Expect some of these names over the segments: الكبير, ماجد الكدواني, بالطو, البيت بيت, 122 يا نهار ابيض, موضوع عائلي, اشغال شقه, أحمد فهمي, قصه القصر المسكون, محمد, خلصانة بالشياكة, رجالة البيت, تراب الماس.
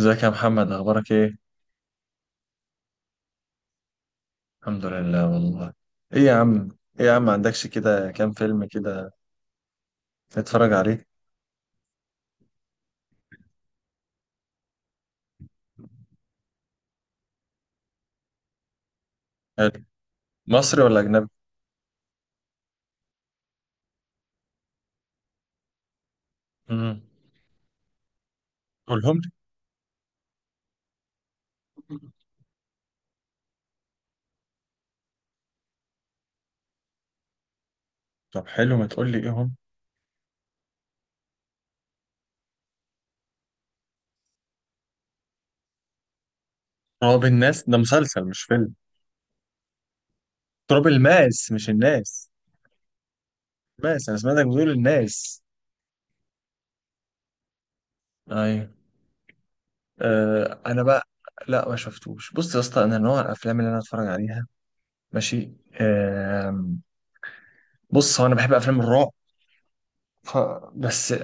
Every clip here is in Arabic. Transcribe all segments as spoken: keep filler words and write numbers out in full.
ازيك يا محمد، اخبارك ايه؟ الحمد لله والله. ايه يا عم ايه يا عم ما عندكش كده كام فيلم كده نتفرج عليه؟ حلو. مصري ولا اجنبي؟ امم قولهم لي. طب حلو، ما تقول لي ايه هم؟ تراب الناس ده مسلسل مش فيلم. تراب الماس مش الناس. ماس، انا سمعتك بتقول الناس. ايوه. آه انا بقى. لا ما شفتوش. بص يا اسطى، انا نوع الافلام اللي انا اتفرج عليها. ماشي. آه. بص، هو انا بحب افلام الرعب. ف... بس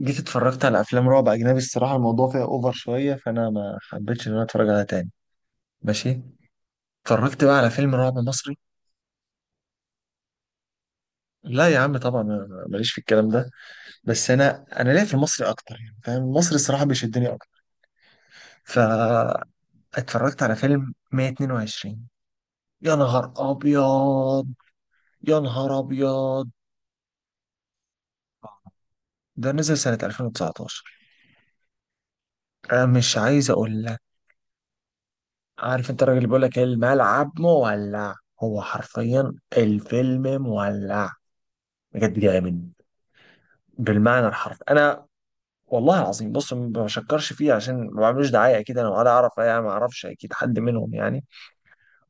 جيت اتفرجت على افلام رعب اجنبي، الصراحه الموضوع فيها اوفر شويه، فانا ما حبيتش ان انا اتفرج عليها تاني. ماشي. اتفرجت بقى على فيلم رعب مصري. لا يا عم طبعا، أنا ماليش في الكلام ده. بس انا انا ليا في المصري اكتر يعني، فاهم؟ المصري الصراحه بيشدني اكتر. فاتفرجت على فيلم مية واتنين وعشرين. يا نهار ابيض، يا نهار ابيض. ده نزل سنه ألفين وتسعة عشر. انا مش عايز اقول. عارف انت الراجل اللي بيقول لك الملعب مولع؟ هو حرفيا الفيلم مولع، بجد جامد بالمعنى الحرفي. انا والله العظيم، بص، ما بشكرش فيه عشان ما بعملوش دعايه، اكيد انا ولا اعرف يعني، ما اعرفش اكيد حد منهم يعني.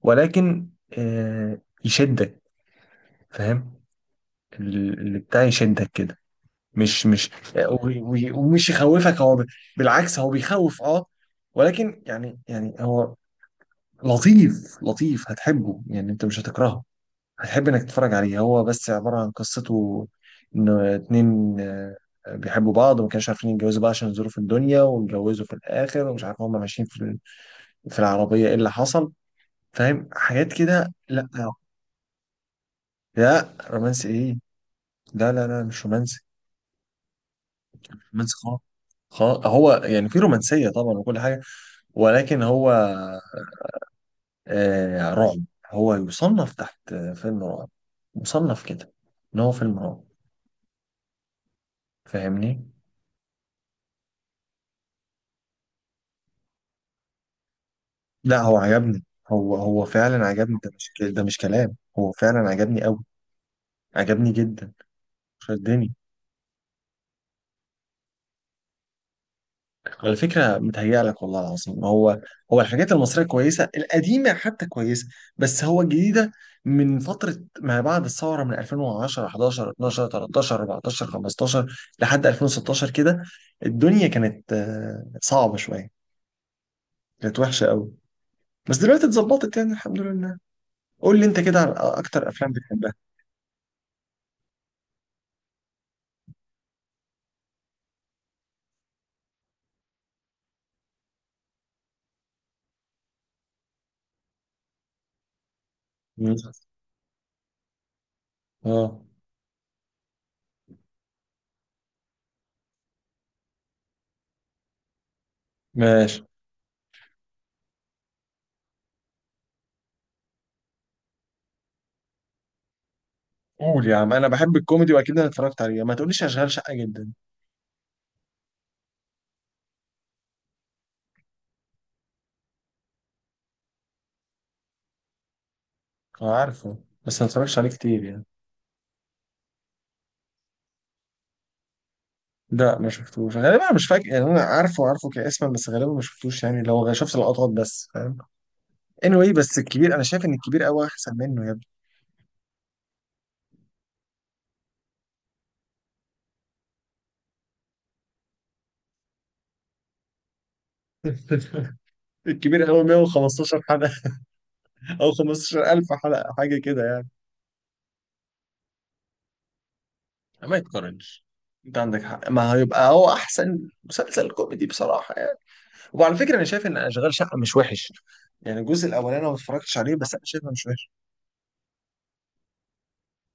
ولكن آه، يشدك، فاهم؟ ال- اللي بتاع يشدك كده، مش مش آه، و- و- ومش يخوفك. هو ب- بالعكس هو بيخوف، اه. ولكن يعني، يعني هو لطيف لطيف، هتحبه يعني، انت مش هتكرهه. هتحب انك تتفرج عليه. هو بس عبارة عن قصته، انه اتنين آه، بيحبوا بعض وما كانوش عارفين يتجوزوا بقى عشان ظروف الدنيا، واتجوزوا في الاخر، ومش عارف هما ماشيين في ال- في العربية ايه اللي حصل، فاهم، حاجات كده. لا لا، رومانسي ايه؟ لا لا لا، مش رومانسي، مش رومانسي خالص. خلاص هو يعني في رومانسية طبعا وكل حاجة، ولكن هو آه رعب. هو يصنف تحت آه، فيلم رعب، مصنف كده، ان هو فيلم رعب. فاهمني؟ لا هو عجبني. هو هو فعلا عجبني. ده مش ك- ده مش كلام، هو فعلا عجبني قوي، عجبني جدا. شدني على فكرة، متهيأ لك والله العظيم. هو هو الحاجات المصرية كويسة، القديمة حتى كويسة، بس هو الجديدة من فترة ما بعد الثورة، من ألفين وعشرة احداشر اتناشر تلتاشر اربعتاشر خمستاشر لحد ألفين وستاشر كده، الدنيا كانت آه، صعبة شوية، كانت وحشة قوي. بس دلوقتي اتظبطت يعني، الحمد لله. قول لي انت كده على اكتر افلام بتحبها. مم. اه ماشي. قول يا عم، انا بحب الكوميدي واكيد انا اتفرجت عليه. ما تقوليش اشغال شقه جدا. انا عارفه، بس ما اتفرجتش عليه كتير يعني. لا ما شفتوش غالبا، انا مش فاكر يعني. انا عارفه، عارفه كاسما، بس غالبا ما شفتوش يعني، لو شفت لقطات بس، فاهم. anyway، بس الكبير انا شايف ان الكبير قوي احسن منه يا ابني. الكبير قوي مية وخمستاشر حلقة حلقه، او خمستاشر ألف حلقة حلقه حاجه كده يعني. ما يتقارنش. انت عندك حق، ما هيبقى هو احسن مسلسل كوميدي بصراحه يعني. وعلى فكره انا شايف ان اشغال شقه مش وحش يعني. الجزء الاولاني انا ما اتفرجتش عليه، بس انا شايفه مش وحش.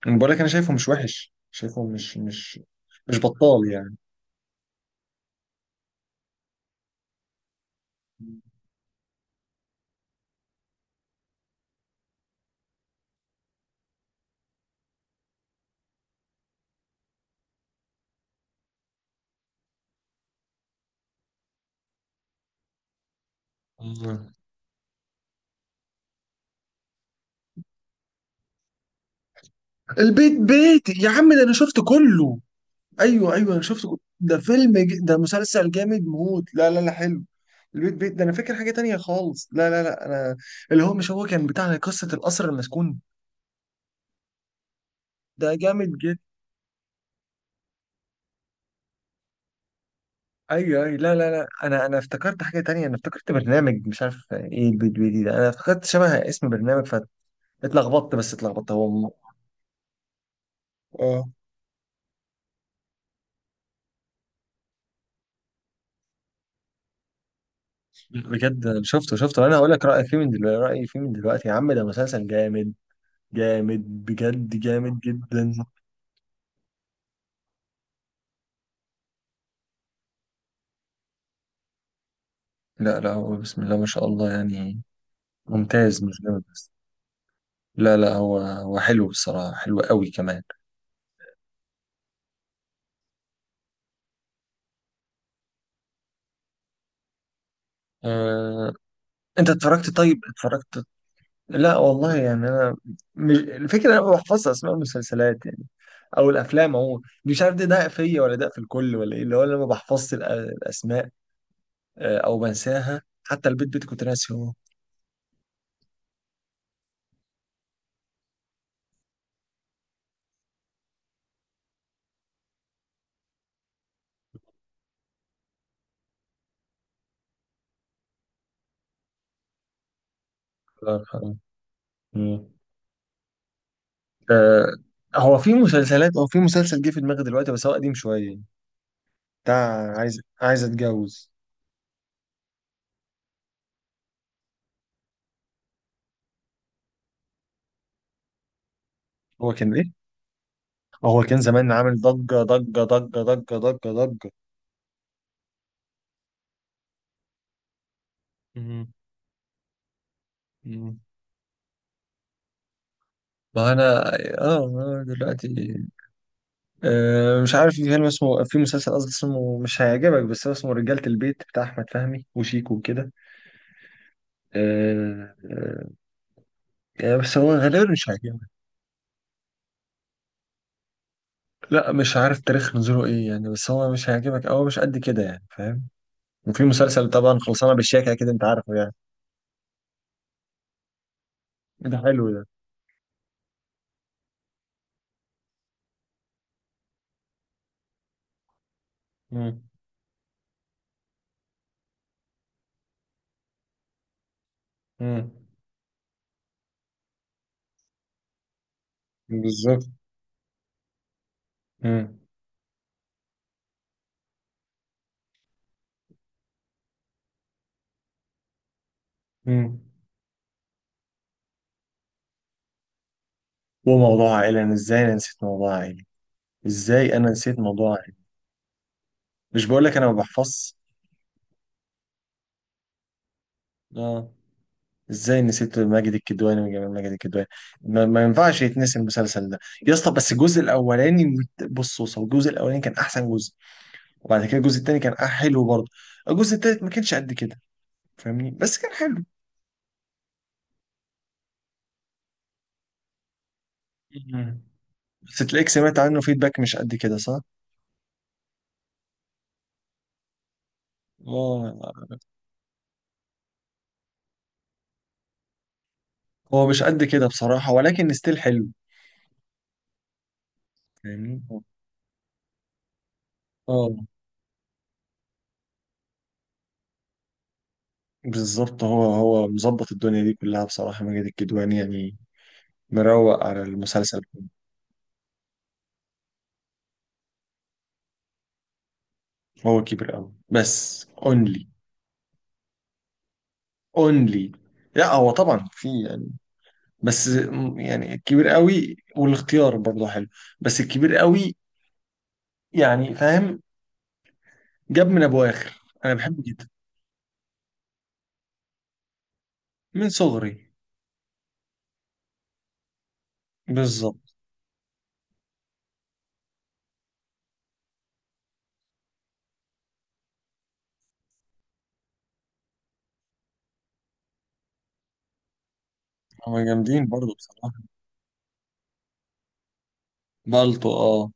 انا بقول لك انا شايفه مش وحش، شايفه مش مش مش بطال يعني. مم. البيت بيت يا عم ده انا شفت كله. ايوه ايوه انا شفت كله. ده فيلم ج... ده مسلسل جامد موت. لا لا لا، حلو. البيت بيت ده انا فاكر حاجه تانية خالص. لا لا لا، انا، اللي هو مش هو كان بتاع قصه القصر المسكون. ده جامد. ايوه ايوه، لا لا لا، انا انا افتكرت حاجه تانية. انا افتكرت برنامج مش عارف ايه، البي دي بي ده، انا افتكرت شبه اسم برنامج، فاتلخبطت، بس اتلخبطت. هو م- اه بجد أنا شفته، شفته. انا هقول لك رايي فيه من دلوقتي، رايي فيه من دلوقتي يا عم. ده مسلسل جامد جامد، بجد جامد جدا. لا لا، هو بسم الله ما شاء الله يعني، ممتاز مش جامد بس. لا لا، هو هو حلو بصراحه، حلو قوي كمان. أه... انت اتفرجت؟ طيب اتفرجت. لا والله يعني، انا مش الفكره، انا ما بحفظش اسماء المسلسلات يعني او الافلام عموما. مش عارف، ده ده فيا ولا ده في الكل، ولا ايه اللي هو، انا ما بحفظش الأ- الاسماء. آه، او بنساها حتى. البيت بيت كنت ناسي هو. الله يرحمه. مم. آه. هو في مسلسلات هو في مسلسل جه في دماغي دلوقتي بس هو قديم شويه، بتاع عايز عايز اتجوز. هو كان ايه؟ هو كان زمان عامل ضجه ضجه ضجه ضجه ضجه ضجه. مم. مم. ما انا اه. آه، دلوقتي أه مش عارف، في فيلم اسمه في مسلسل قصدي اسمه، مش هيعجبك بس هو اسمه رجالة البيت، بتاع أحمد فهمي وشيكو وكده. أه أه يعني، بس هو غالبا مش هيعجبك. لا مش عارف تاريخ نزوله ايه يعني، بس هو مش هيعجبك أو مش قد كده يعني، فاهم. وفي مسلسل طبعا خلصانة بالشياكة كده، أنت عارفه يعني. ده حلو ده. مم. مم. بالظبط. مم. مم. وموضوع عائلي. أنا إزاي أنا نسيت موضوع عائلي؟ إزاي أنا نسيت موضوع عائلي؟ مش بقول لك أنا ما بحفظش. اه، ازاي نسيت ماجد الكدواني وجمال ماجد الكدواني؟ ما, ما ينفعش يتنسي المسلسل ده. يا اسطى بس الجزء الاولاني. بص بص، هو الجزء الاولاني كان احسن جزء، وبعد كده الجزء التاني كان أح- حلو برضه، الجزء التالت ما كانش قد كده فاهمني، بس كان حلو. مم. بس تلاقيك سمعت عنه فيدباك مش قد كده، صح؟ اه، هو مش قد كده بصراحة، ولكن ستيل حلو. فاهمني؟ اه بالظبط. هو هو مظبط الدنيا دي كلها بصراحة، ماجد الكدواني يعني، مروق على المسلسل. هو كبر قوي بس اونلي، اونلي. لا هو طبعا في يعني، بس م- يعني الكبير قوي والاختيار برضه حلو، بس الكبير قوي يعني، فاهم. جاب من ابو اخر، انا بحبه جدا. من صغري. بالظبط. هما جامدين برضه بصراحه. بالطو، اه.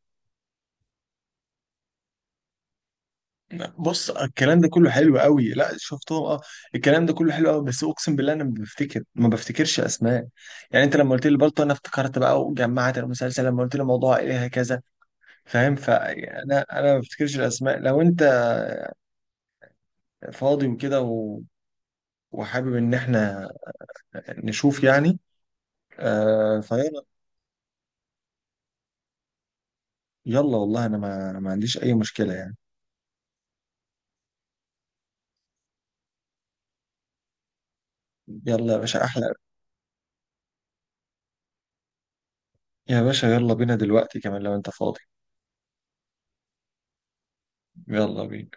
بص الكلام ده كله حلو قوي، لا شفتهم اه. الكلام ده كله حلو قوي، بس اقسم بالله انا ما بفتكر ما بفتكرش اسماء. يعني انت لما قلت لي بالطو انا افتكرت بقى وجمعت المسلسل، لما قلت لي موضوع ايه هكذا، فاهم، فانا انا ما بفتكرش الاسماء. لو انت فاضي وكده و... وحابب ان احنا نشوف يعني، آه فيلا. يلا والله، انا ما ما عنديش اي مشكلة يعني. يلا يا باشا احلى. يا باشا يلا بينا دلوقتي كمان لو انت فاضي. يلا بينا.